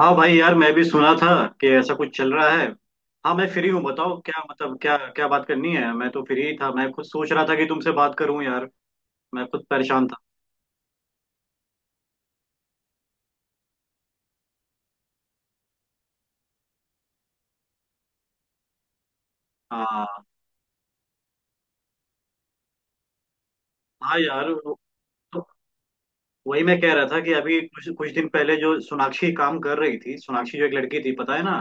हाँ भाई यार, मैं भी सुना था कि ऐसा कुछ चल रहा है। हाँ, मैं फ्री हूँ। बताओ क्या मतलब, क्या क्या बात करनी है। मैं तो फ्री ही था, मैं खुद सोच रहा था कि तुमसे बात करूँ यार। मैं खुद परेशान था। हाँ हाँ यार, तो वही मैं कह रहा था कि अभी कुछ कुछ दिन पहले जो सोनाक्षी काम कर रही थी, सोनाक्षी जो एक लड़की थी, पता है ना,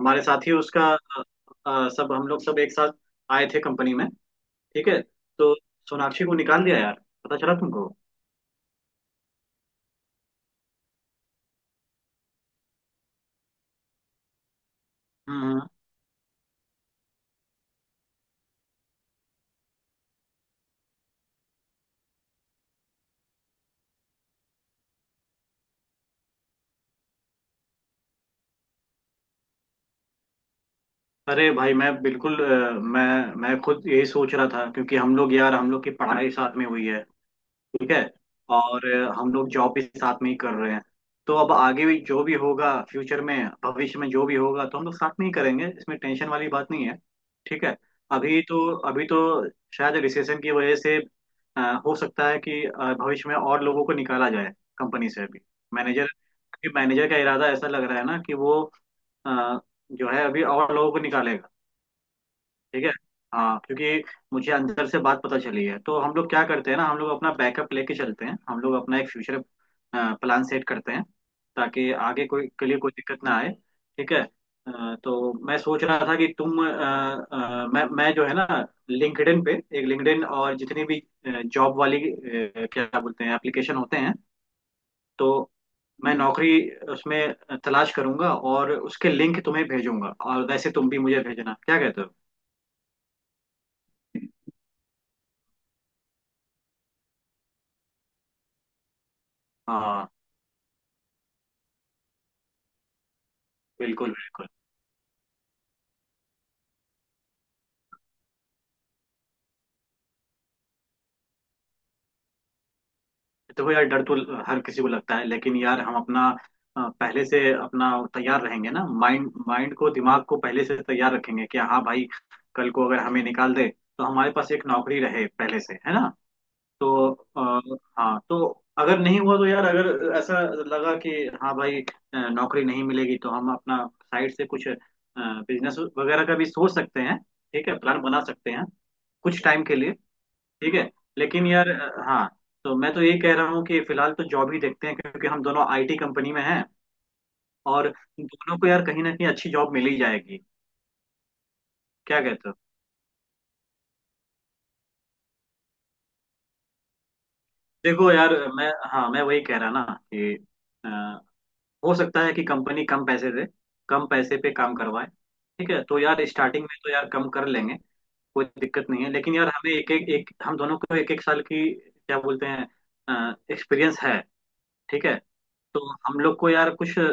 हमारे साथ ही उसका सब, हम लोग सब एक साथ आए थे कंपनी में। ठीक है। तो सोनाक्षी को निकाल दिया यार, पता चला तुमको? अरे भाई, मैं बिल्कुल मैं खुद यही सोच रहा था क्योंकि हम लोग यार, हम लोग की पढ़ाई साथ में हुई है। ठीक है। और हम लोग जॉब भी साथ में ही कर रहे हैं। तो अब आगे भी जो भी होगा फ्यूचर में, भविष्य में जो भी होगा तो हम लोग साथ में ही करेंगे। इसमें टेंशन वाली बात नहीं है। ठीक है। अभी तो शायद रिसेशन की वजह से, अ, हो सकता है कि भविष्य में और लोगों को निकाला जाए कंपनी से अभी। मैनेजर मैनेजर का इरादा ऐसा लग रहा है ना कि वो, अ, जो है, अभी और लोगों को निकालेगा। ठीक है। हाँ, क्योंकि मुझे अंदर से बात पता चली है। तो हम लोग क्या करते हैं ना, हम लोग अपना बैकअप लेके चलते हैं, हम लोग अपना एक फ्यूचर प्लान सेट करते हैं, ताकि आगे कोई के लिए कोई दिक्कत ना आए। ठीक है। तो मैं सोच रहा था कि तुम, मैं जो है ना, लिंक्डइन पे, एक लिंक्डइन और जितनी भी जॉब वाली, क्या बोलते हैं, एप्लीकेशन होते हैं, तो मैं नौकरी उसमें तलाश करूंगा और उसके लिंक तुम्हें भेजूंगा, और वैसे तुम भी मुझे भेजना। क्या कहते हो? हाँ, बिल्कुल बिल्कुल। देखो यार, डर तो हर किसी को लगता है, लेकिन यार, हम अपना, पहले से अपना तैयार रहेंगे ना, माइंड माइंड को, दिमाग को पहले से तैयार रखेंगे कि हाँ भाई, कल को अगर हमें निकाल दे तो हमारे पास एक नौकरी रहे पहले से, है ना। तो, हाँ, तो अगर नहीं हुआ तो यार, अगर ऐसा लगा कि हाँ भाई, नौकरी नहीं मिलेगी, तो हम अपना साइड से कुछ बिजनेस वगैरह का भी सोच सकते हैं। ठीक है, प्लान बना सकते हैं, कुछ टाइम के लिए। ठीक है। लेकिन यार, हाँ, तो मैं तो ये कह रहा हूँ कि फिलहाल तो जॉब ही देखते हैं, क्योंकि हम दोनों आईटी कंपनी में हैं। और दोनों को यार, कहीं ना कहीं अच्छी जॉब मिल ही जाएगी। क्या कहते हो? देखो यार, मैं, हाँ, मैं वही कह रहा ना कि, अ, हो सकता है कि कंपनी कम पैसे दे, कम पैसे पे काम करवाए। ठीक है, तो यार स्टार्टिंग में तो यार कम कर लेंगे, कोई दिक्कत नहीं है। लेकिन यार, हमें एक एक एक हम दोनों को एक एक साल की, क्या बोलते हैं, एक्सपीरियंस है। ठीक है। तो हम लोग को यार, कुछ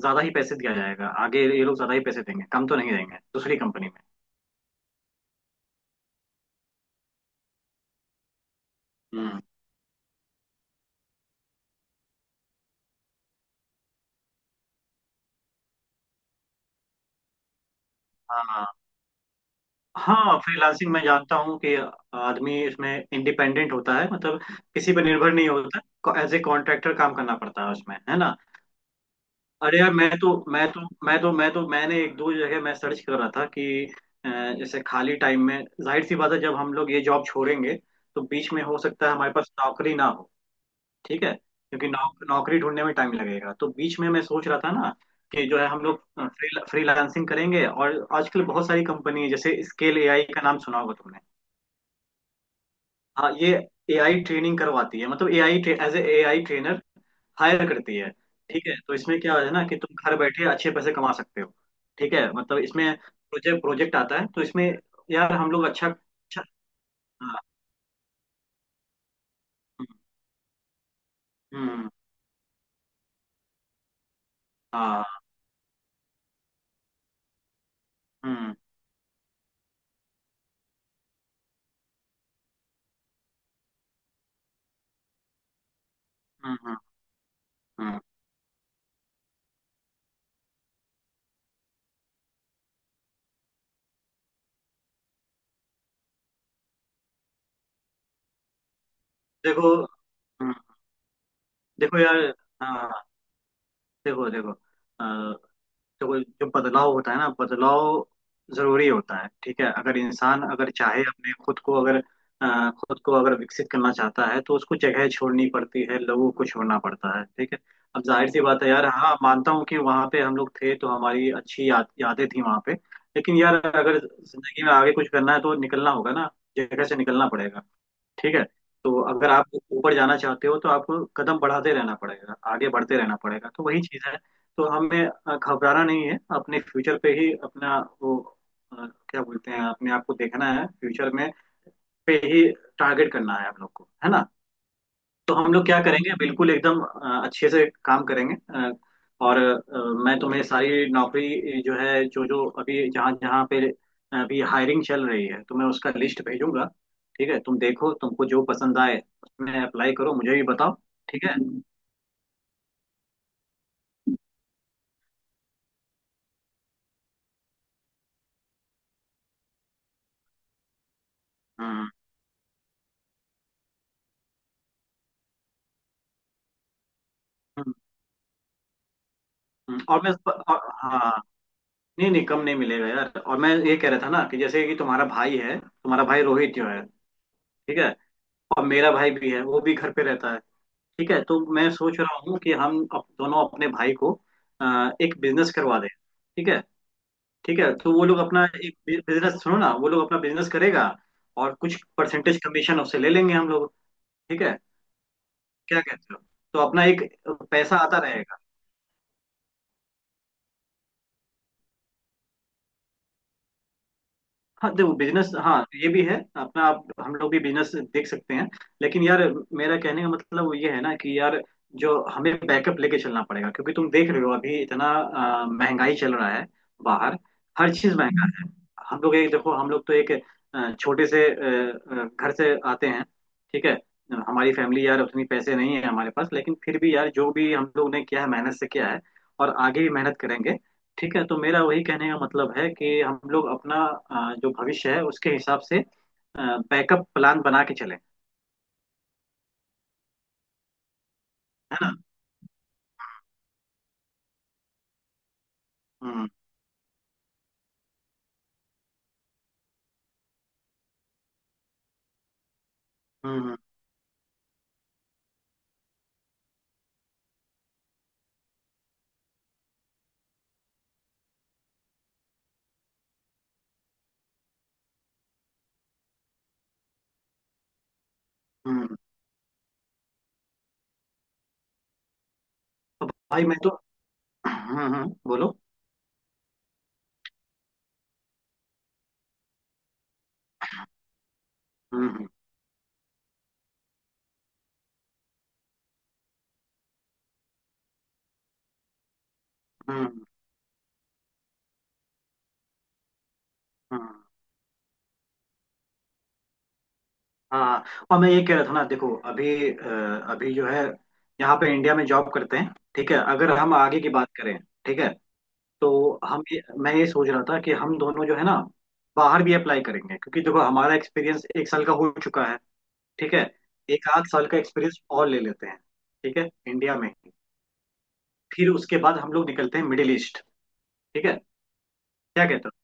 ज्यादा ही पैसे दिया जाएगा आगे, ये लोग ज्यादा ही पैसे देंगे, कम तो नहीं देंगे दूसरी कंपनी में। हम्म, हाँ हाँ, फ्रीलांसिंग मैं जानता हूँ कि आदमी इसमें इंडिपेंडेंट होता है, मतलब किसी पर निर्भर नहीं होता, एज ए कॉन्ट्रैक्टर काम करना पड़ता है उसमें, है ना। अरे यार, मैं तो मैंने एक दो जगह मैं सर्च कर रहा था कि, अ, जैसे खाली टाइम में, जाहिर सी बात है, जब हम लोग ये जॉब छोड़ेंगे तो बीच में हो सकता है हमारे पास नौकरी ना हो। ठीक है, क्योंकि नौकरी ढूंढने में टाइम लगेगा, तो बीच में मैं सोच रहा था ना, कि जो है, हम लोग फ्रीलांसिंग करेंगे, और आजकल बहुत सारी कंपनी है, जैसे स्केल एआई का नाम सुना होगा तुमने। हाँ, ये एआई ट्रेनिंग करवाती है, मतलब AI, as a AI trainer hire करती है। ठीक है, तो इसमें क्या है ना कि तुम घर बैठे अच्छे पैसे कमा सकते हो। ठीक है, मतलब इसमें प्रोजेक्ट प्रोजेक्ट आता है, तो इसमें यार हम लोग अच्छा अच्छा। हाँ, हम्म हम्म, हाँ, हम्म हम्म हम्म, हम्म। देखो, हम्म, देखो यार, हाँ, देखो देखो देखो जो बदलाव होता है ना, बदलाव जरूरी होता है। ठीक है। अगर इंसान अगर चाहे अपने खुद को अगर, खुद को अगर विकसित करना चाहता है तो उसको जगह छोड़नी पड़ती है, लोगों को छोड़ना पड़ता है। ठीक है। अब जाहिर सी बात है यार, हाँ, मानता हूँ कि वहाँ पे हम लोग थे तो हमारी अच्छी यादें थी वहाँ पे। लेकिन यार, अगर जिंदगी में आगे कुछ करना है तो निकलना होगा ना, जगह से निकलना पड़ेगा। ठीक है। तो अगर आप ऊपर जाना चाहते हो तो आपको कदम बढ़ाते रहना पड़ेगा, आगे बढ़ते रहना पड़ेगा, तो वही चीज है। तो हमें घबराना नहीं है, अपने फ्यूचर पे ही अपना वो, क्या बोलते हैं, अपने आप को देखना है फ्यूचर में पे ही, टारगेट करना है हम लोग को, है ना। तो हम लोग क्या करेंगे, बिल्कुल एकदम अच्छे से काम करेंगे, और मैं तुम्हें सारी नौकरी जो है, जो जो अभी जहाँ जहाँ पे अभी हायरिंग चल रही है, तो मैं उसका लिस्ट भेजूंगा। ठीक है, तुम देखो तुमको जो पसंद आए उसमें अप्लाई करो, मुझे भी बताओ। ठीक है। हम्म, और मैं और, हाँ, नहीं नहीं, कम नहीं मिलेगा यार। और मैं ये कह रहा था ना, कि जैसे कि तुम्हारा भाई है, तुम्हारा भाई रोहित जो है। ठीक है। और मेरा भाई भी है, वो भी घर पे रहता है। ठीक है। तो मैं सोच रहा हूँ कि हम दोनों अपने भाई को एक बिजनेस करवा दें। ठीक है। ठीक है, तो वो लोग अपना एक बिजनेस, सुनो ना, वो लोग अपना बिजनेस करेगा, और कुछ परसेंटेज कमीशन उससे ले लेंगे हम लोग। ठीक है। क्या कहते हो। तो अपना एक, पैसा आता रहेगा। हाँ, देखो बिजनेस, हाँ ये भी है, अपना आप हम लोग भी बिजनेस देख सकते हैं। लेकिन यार, मेरा कहने का मतलब वो ये है ना, कि यार जो हमें बैकअप लेके चलना पड़ेगा, क्योंकि तुम देख रहे हो अभी इतना, महंगाई चल रहा है बाहर। हर चीज महंगा है। हम लोग एक, देखो हम लोग तो एक, छोटे से, घर से आते हैं। ठीक है। हमारी फैमिली, यार उतनी पैसे नहीं है हमारे पास, लेकिन फिर भी यार, जो भी हम लोग ने किया है मेहनत से किया है, और आगे भी मेहनत करेंगे। ठीक है। तो मेरा वही कहने का मतलब है कि हम लोग अपना, जो भविष्य है उसके हिसाब से बैकअप प्लान बना के चलें, है ना। हम्म हम्म, हम्म हम्म। तो भाई मैं तो, हम्म, बोलो। हम्म, हम्म हम्म। हाँ, और मैं ये कह रहा था ना, देखो अभी, अभी जो है यहाँ पे इंडिया में जॉब करते हैं। ठीक है। अगर हम आगे की बात करें, ठीक है, तो हम ये, मैं ये सोच रहा था कि हम दोनों जो है ना, बाहर भी अप्लाई करेंगे, क्योंकि देखो हमारा एक्सपीरियंस एक साल का हो चुका है। ठीक है। एक आध साल का एक्सपीरियंस और ले लेते हैं, ठीक है, इंडिया में। फिर उसके बाद हम लोग निकलते हैं मिडिल ईस्ट। ठीक है। क्या कहते हो?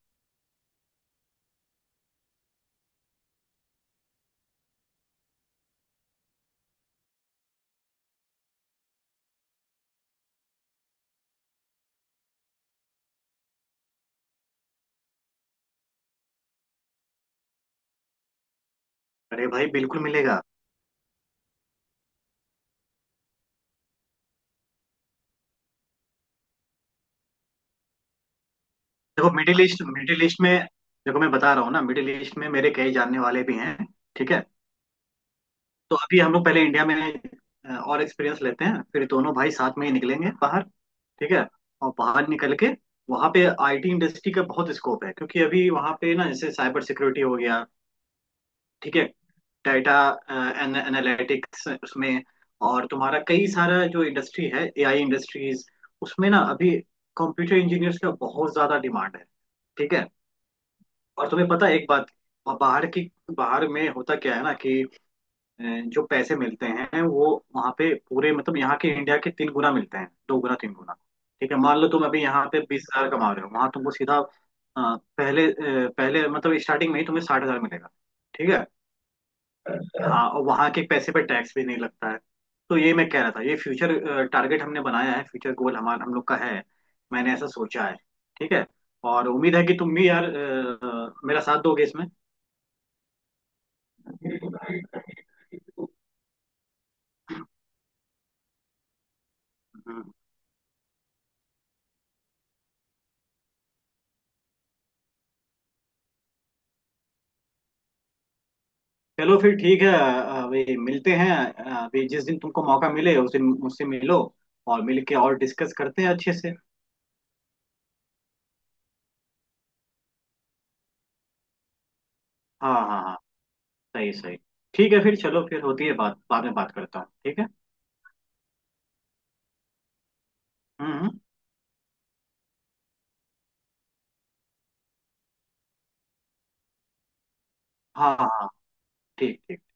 अरे भाई, बिल्कुल मिलेगा। देखो मिडिल ईस्ट में, देखो मैं बता रहा हूँ ना, मिडिल ईस्ट में मेरे कई जानने वाले भी हैं। ठीक है। तो अभी हम लोग पहले इंडिया में और एक्सपीरियंस लेते हैं, फिर दोनों भाई साथ में ही निकलेंगे बाहर। ठीक है। और बाहर निकल के वहाँ पे आईटी इंडस्ट्री का बहुत स्कोप है, क्योंकि अभी वहाँ पे ना, जैसे साइबर सिक्योरिटी हो गया, ठीक है, डाटा एनालिटिक्स उसमें, और तुम्हारा कई सारा जो इंडस्ट्री है, एआई इंडस्ट्रीज, उसमें ना अभी कंप्यूटर इंजीनियर्स का बहुत ज्यादा डिमांड है। ठीक है। और तुम्हें पता है एक बात, और बाहर की, बाहर में होता क्या है ना कि जो पैसे मिलते हैं, वो वहाँ पे पूरे, मतलब यहाँ के इंडिया के तीन गुना मिलते हैं, दो गुना तीन गुना। ठीक है। मान लो तुम अभी यहाँ पे 20,000 कमा रहे हो, वहाँ तुमको सीधा, पहले, पहले मतलब स्टार्टिंग में ही तुम्हें 60,000 मिलेगा। ठीक है। हाँ, और वहाँ के पैसे पे टैक्स भी नहीं लगता है। तो ये मैं कह रहा था, ये फ्यूचर टारगेट हमने बनाया है, फ्यूचर गोल हमारा, हम लोग का है, मैंने ऐसा सोचा है। ठीक है। और उम्मीद है कि तुम भी यार, मेरा साथ दोगे इसमें। हम्म, चलो फिर, ठीक है, अभी मिलते हैं, अभी जिस दिन तुमको मौका मिले उस दिन मुझसे मिलो, और मिल के और डिस्कस करते हैं अच्छे से। हाँ हाँ हाँ, सही सही, ठीक है। फिर चलो, फिर होती है बात, बाद में बात करता हूँ, ठीक है। हम्म हम्म, हाँ हाँ हाँ, ठीक ठीक।